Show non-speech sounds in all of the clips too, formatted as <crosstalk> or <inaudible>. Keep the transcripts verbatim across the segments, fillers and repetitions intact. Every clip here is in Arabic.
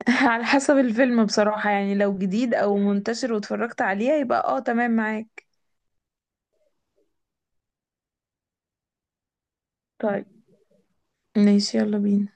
<laughs> على حسب الفيلم بصراحة، يعني لو جديد أو منتشر واتفرجت عليه يبقى اه تمام معاك. طيب، ماشي يلا بينا.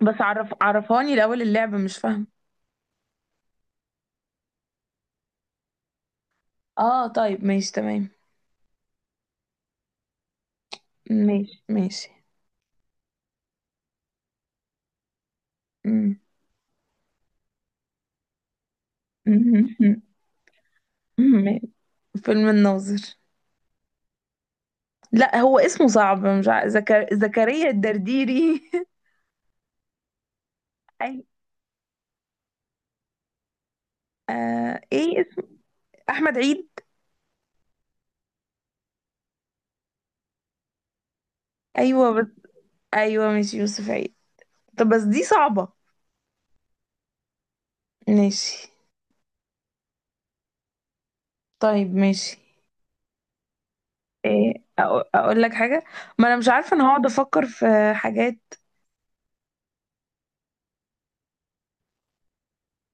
بس عرف عرفاني الأول، اللعبة مش فاهمة. اه طيب ماشي تمام. ماشي ماشي. مم. <laughs> ماشي. فيلم الناظر. لا هو اسمه صعب، مش عارف. زك... زكريا الدرديري. <laughs> أي... آه... ايه اسم- أحمد عيد. أيوه بس... أيوه ماشي، يوسف عيد. طب بس دي صعبة. ماشي. طيب ماشي. إيه. أقو- اقول لك حاجه. ما انا مش عارفه، انا هقعد افكر في حاجات.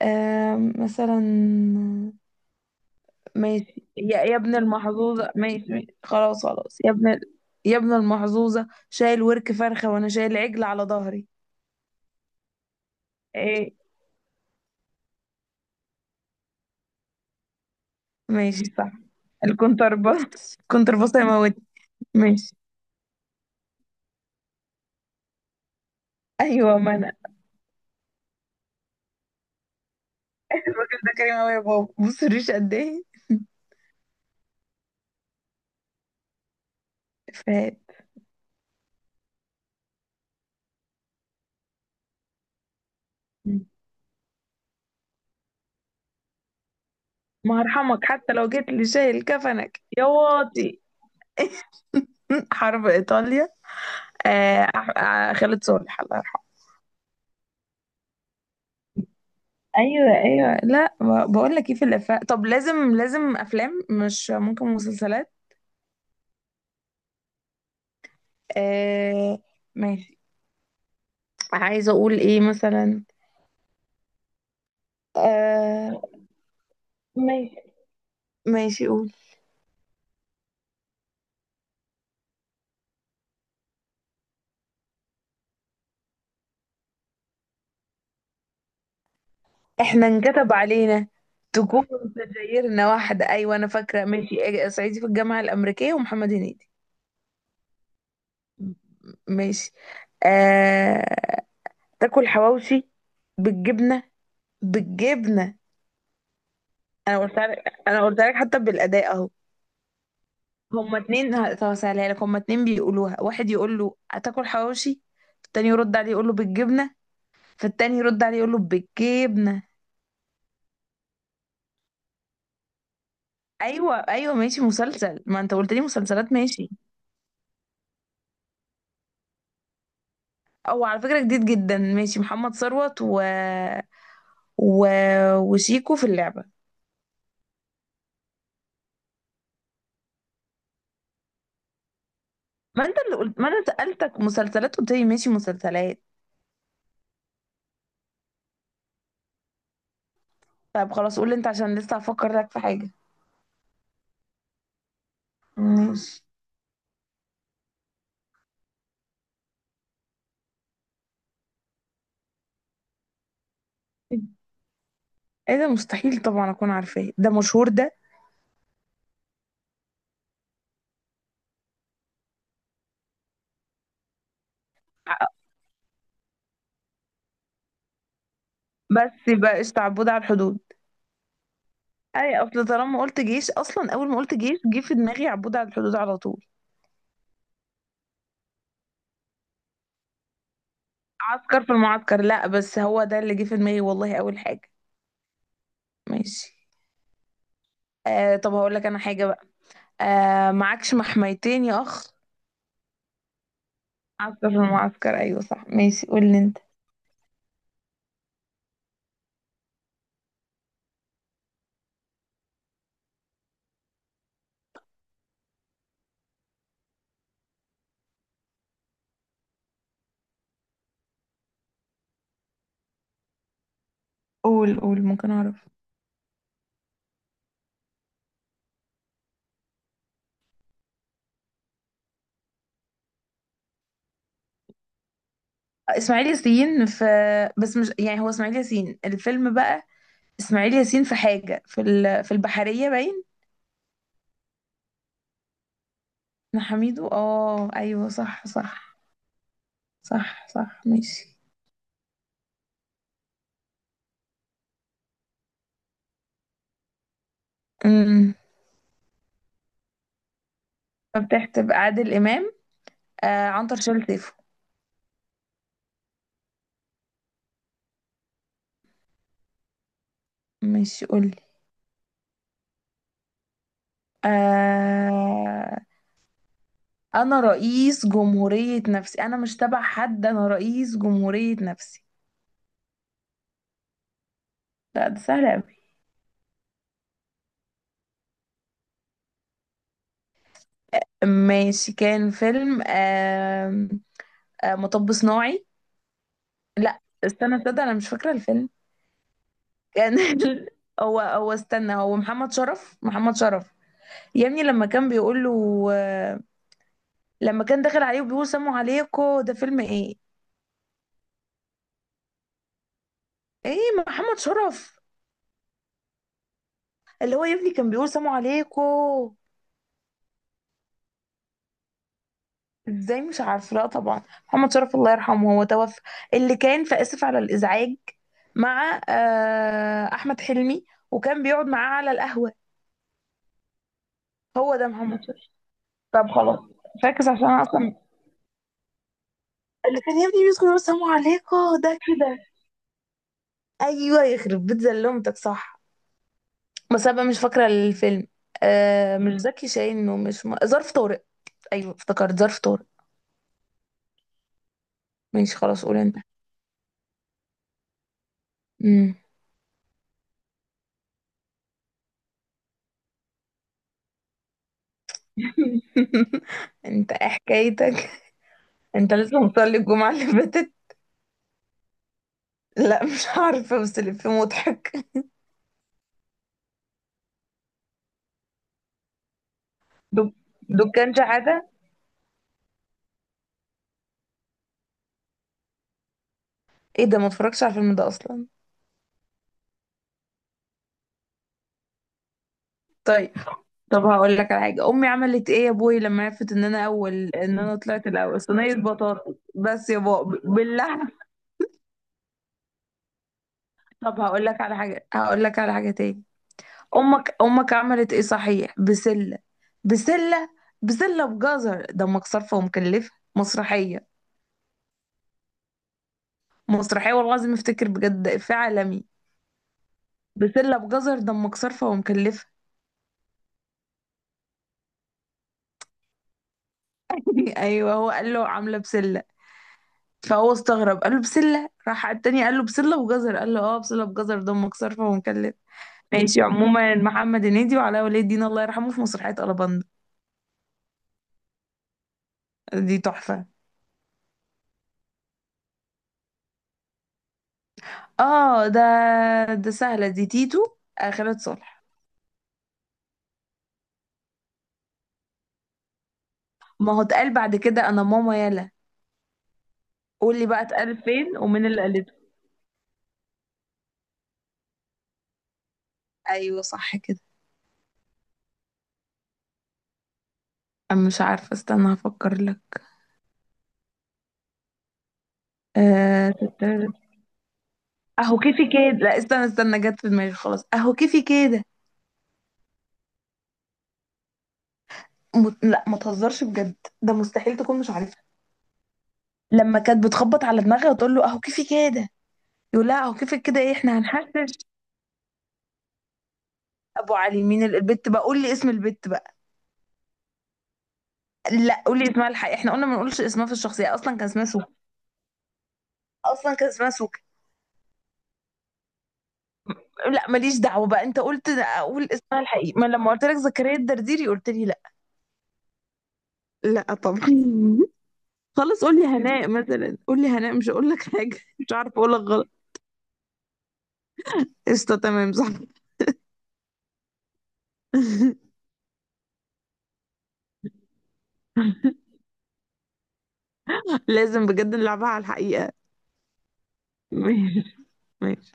آم، مثلا. ماشي يا, يا ابن المحظوظه، ماشي ماشي. خلاص خلاص يا ابن. يا ابن المحظوظه، شايل ورك فرخه وانا شايل عجل على ظهري. ايه. ماشي صح. الكونترباس، الكونترباس هيموت. ماشي. ايوه ما انا. <laughs> الراجل ده كريم قوي يا بابا، بص الريش قد ايه. فات. ما هرحمك حتى لو جيت لي شايل كفنك يا واطي. <laughs> حرب ايطاليا. آه، أح- آه، خالد صالح الله يرحمه. ايوه ايوه. لا بقول لك ايه، في الافلام طب لازم لازم افلام، مش ممكن مسلسلات؟ آه. ماشي. عايزه اقول ايه مثلا. آه. ماشي ماشي قول. احنا انكتب علينا تكون سجايرنا واحده، ايوه انا فاكره، ماشي. آه، صعيدي في الجامعه الامريكيه ومحمد هنيدي. ماشي. آه... تاكل حواوشي بالجبنه، بالجبنه. انا قلت لك انا قلت لك حتى بالاداء اهو. هما اتنين هسهلها لك، هما اتنين بيقولوها. واحد يقول له هتاكل حواوشي، التاني يرد عليه يقول له بالجبنه، فالتاني يرد عليه يقول له بالجبنه. ايوه ايوه ماشي مسلسل، ما انت قلت لي مسلسلات، ماشي. او على فكره جديد جدا، ماشي. محمد ثروت و... و... وشيكو في اللعبه. ما انت اللي قلت، ما انا سالتك مسلسلات، قلت لي ماشي مسلسلات. طب خلاص قول لي انت، عشان لسه هفكر لك في حاجه. ماشي. ايه ده؟ مستحيل طبعا اكون عارفاه، ده مشهور ده. بس بقى قشطة، عبود على الحدود. اي اصل طالما قلت جيش، اصلا اول ما قلت جيش جه في دماغي عبود على الحدود على طول. عسكر في المعسكر، لا بس هو ده اللي جه في دماغي والله اول حاجه. ماشي. آه طب هقول لك انا حاجه بقى. آه، معكش محميتين يا اخ. عسكر في المعسكر، ايوه صح، ماشي قول لي انت. قول قول، ممكن اعرف. آه، اسماعيل ياسين في آه، بس مش يعني هو اسماعيل ياسين الفيلم بقى. اسماعيل ياسين في حاجه، في ال... في البحريه باين. إحنا حميدو، اه ايوه صح صح. صح صح ماشي. مفتاح، تبقى عادل إمام. آه، عنتر شال سيفه. ماشي قولي. آه. أنا رئيس جمهورية نفسي، أنا مش تبع حد، أنا رئيس جمهورية نفسي. لا ده سهل أوي. ماشي كان فيلم آه، آه، مطب صناعي. لا استنى، تصدق أنا مش فاكرة الفيلم. كان <laughs> هو هو استنى، هو محمد شرف، محمد شرف. يا ابني لما كان بيقول له آه، لما كان داخل عليه وبيقول سموا عليكم، ده فيلم ايه؟ ايه، محمد شرف. اللي هو يا ابني كان بيقول سلام عليكم. ازاي مش عارفه؟ لا طبعا. محمد شرف الله يرحمه، هو توفى. اللي كان في اسف على الازعاج مع آه، احمد حلمي، وكان بيقعد معاه على القهوه. هو ده محمد شرف. طب خلاص. فاكس عشان أنا اصلا، اللي كان يا ابني بيدخل يقول سلام عليكم. ده كده. ايوه يخرب بيت زلمتك صح. بس انا بقى مش فاكره الفيلم. آه، مش زكي شاهين ومش م... ظرف طارق. ايوه افتكرت، ظرف طارق. ماشي خلاص قول انت. مم. <laughs> انت ايه حكايتك، انت لسه مصلي الجمعة اللي فاتت؟ لا مش عارفة بس اللي فيه مضحك. دك- دكان شحاتة. ايه ده، ما اتفرجش على الفيلم ده اصلا. طيب. طب هقول لك على حاجة، امي عملت ايه يا ابوي لما عرفت ان انا اول، ان انا طلعت الاول، صينية بطاطس بس يا بابا باللحمة. طب هقول لك على حاجة، هقول لك على حاجة تاني. امك امك عملت ايه صحيح، بسلة، بسلة، بسلة بجزر ده امك صارفة ومكلفة. مسرحية. مسرحية والله العظيم، افتكر بجد إفيه عالمي. بسلة بجزر دمك صرفة ومكلفة. <laughs> أيوه، هو قال له عاملة بسلة، فهو استغرب قال له بسلة، راح التاني قال له بسلة بجزر، قال له اه بسلة بجزر دمك صرفة ومكلفة. ماشي عموما، محمد هنيدي وعلاء ولي الدين الله يرحمه، في مسرحية ألاباندا. دي تحفة. اه ده، ده سهلة دي، تيتو. آه، خالد صالح. ما هو اتقال بعد كده، أنا ماما يلا. قول لي بقى اتقال فين، ومين اللي قالته. أيوه صح كده. أنا مش عارفة، استنى هفكر لك. آه. اهو كيفي كده، لا استنى استنى، جت في دماغي خلاص، اهو كيفي كده. م... لا ما تهزرش بجد، ده مستحيل تكون مش عارفها. لما كانت بتخبط على دماغها وتقول له اهو كيفي كده، يقول لها اهو كيفك كده ايه احنا هنحشش. ابو علي. مين ال- البت بقى، قول لي اسم البت بقى. لا قول لي اسمها الحقيقي، احنا قلنا ما نقولش اسمها في الشخصيه، اصلا كان اسمها سوكي. اصلا كان اسمها سوكي. لا ماليش دعوه بقى، انت قلت اقول اسمها الحقيقي، ما لما قلت لك زكريا الدرديري قلت لي لا. لا طبعا. <laughs> خلاص قول لي هناء مثلا، قول لي هناء، مش هقول لك حاجه. <laughs> مش عارفه اقول لك. قشطة تمام صح. <laughs> لازم بجد نلعبها على الحقيقة. <laughs> ماشي. ماشي.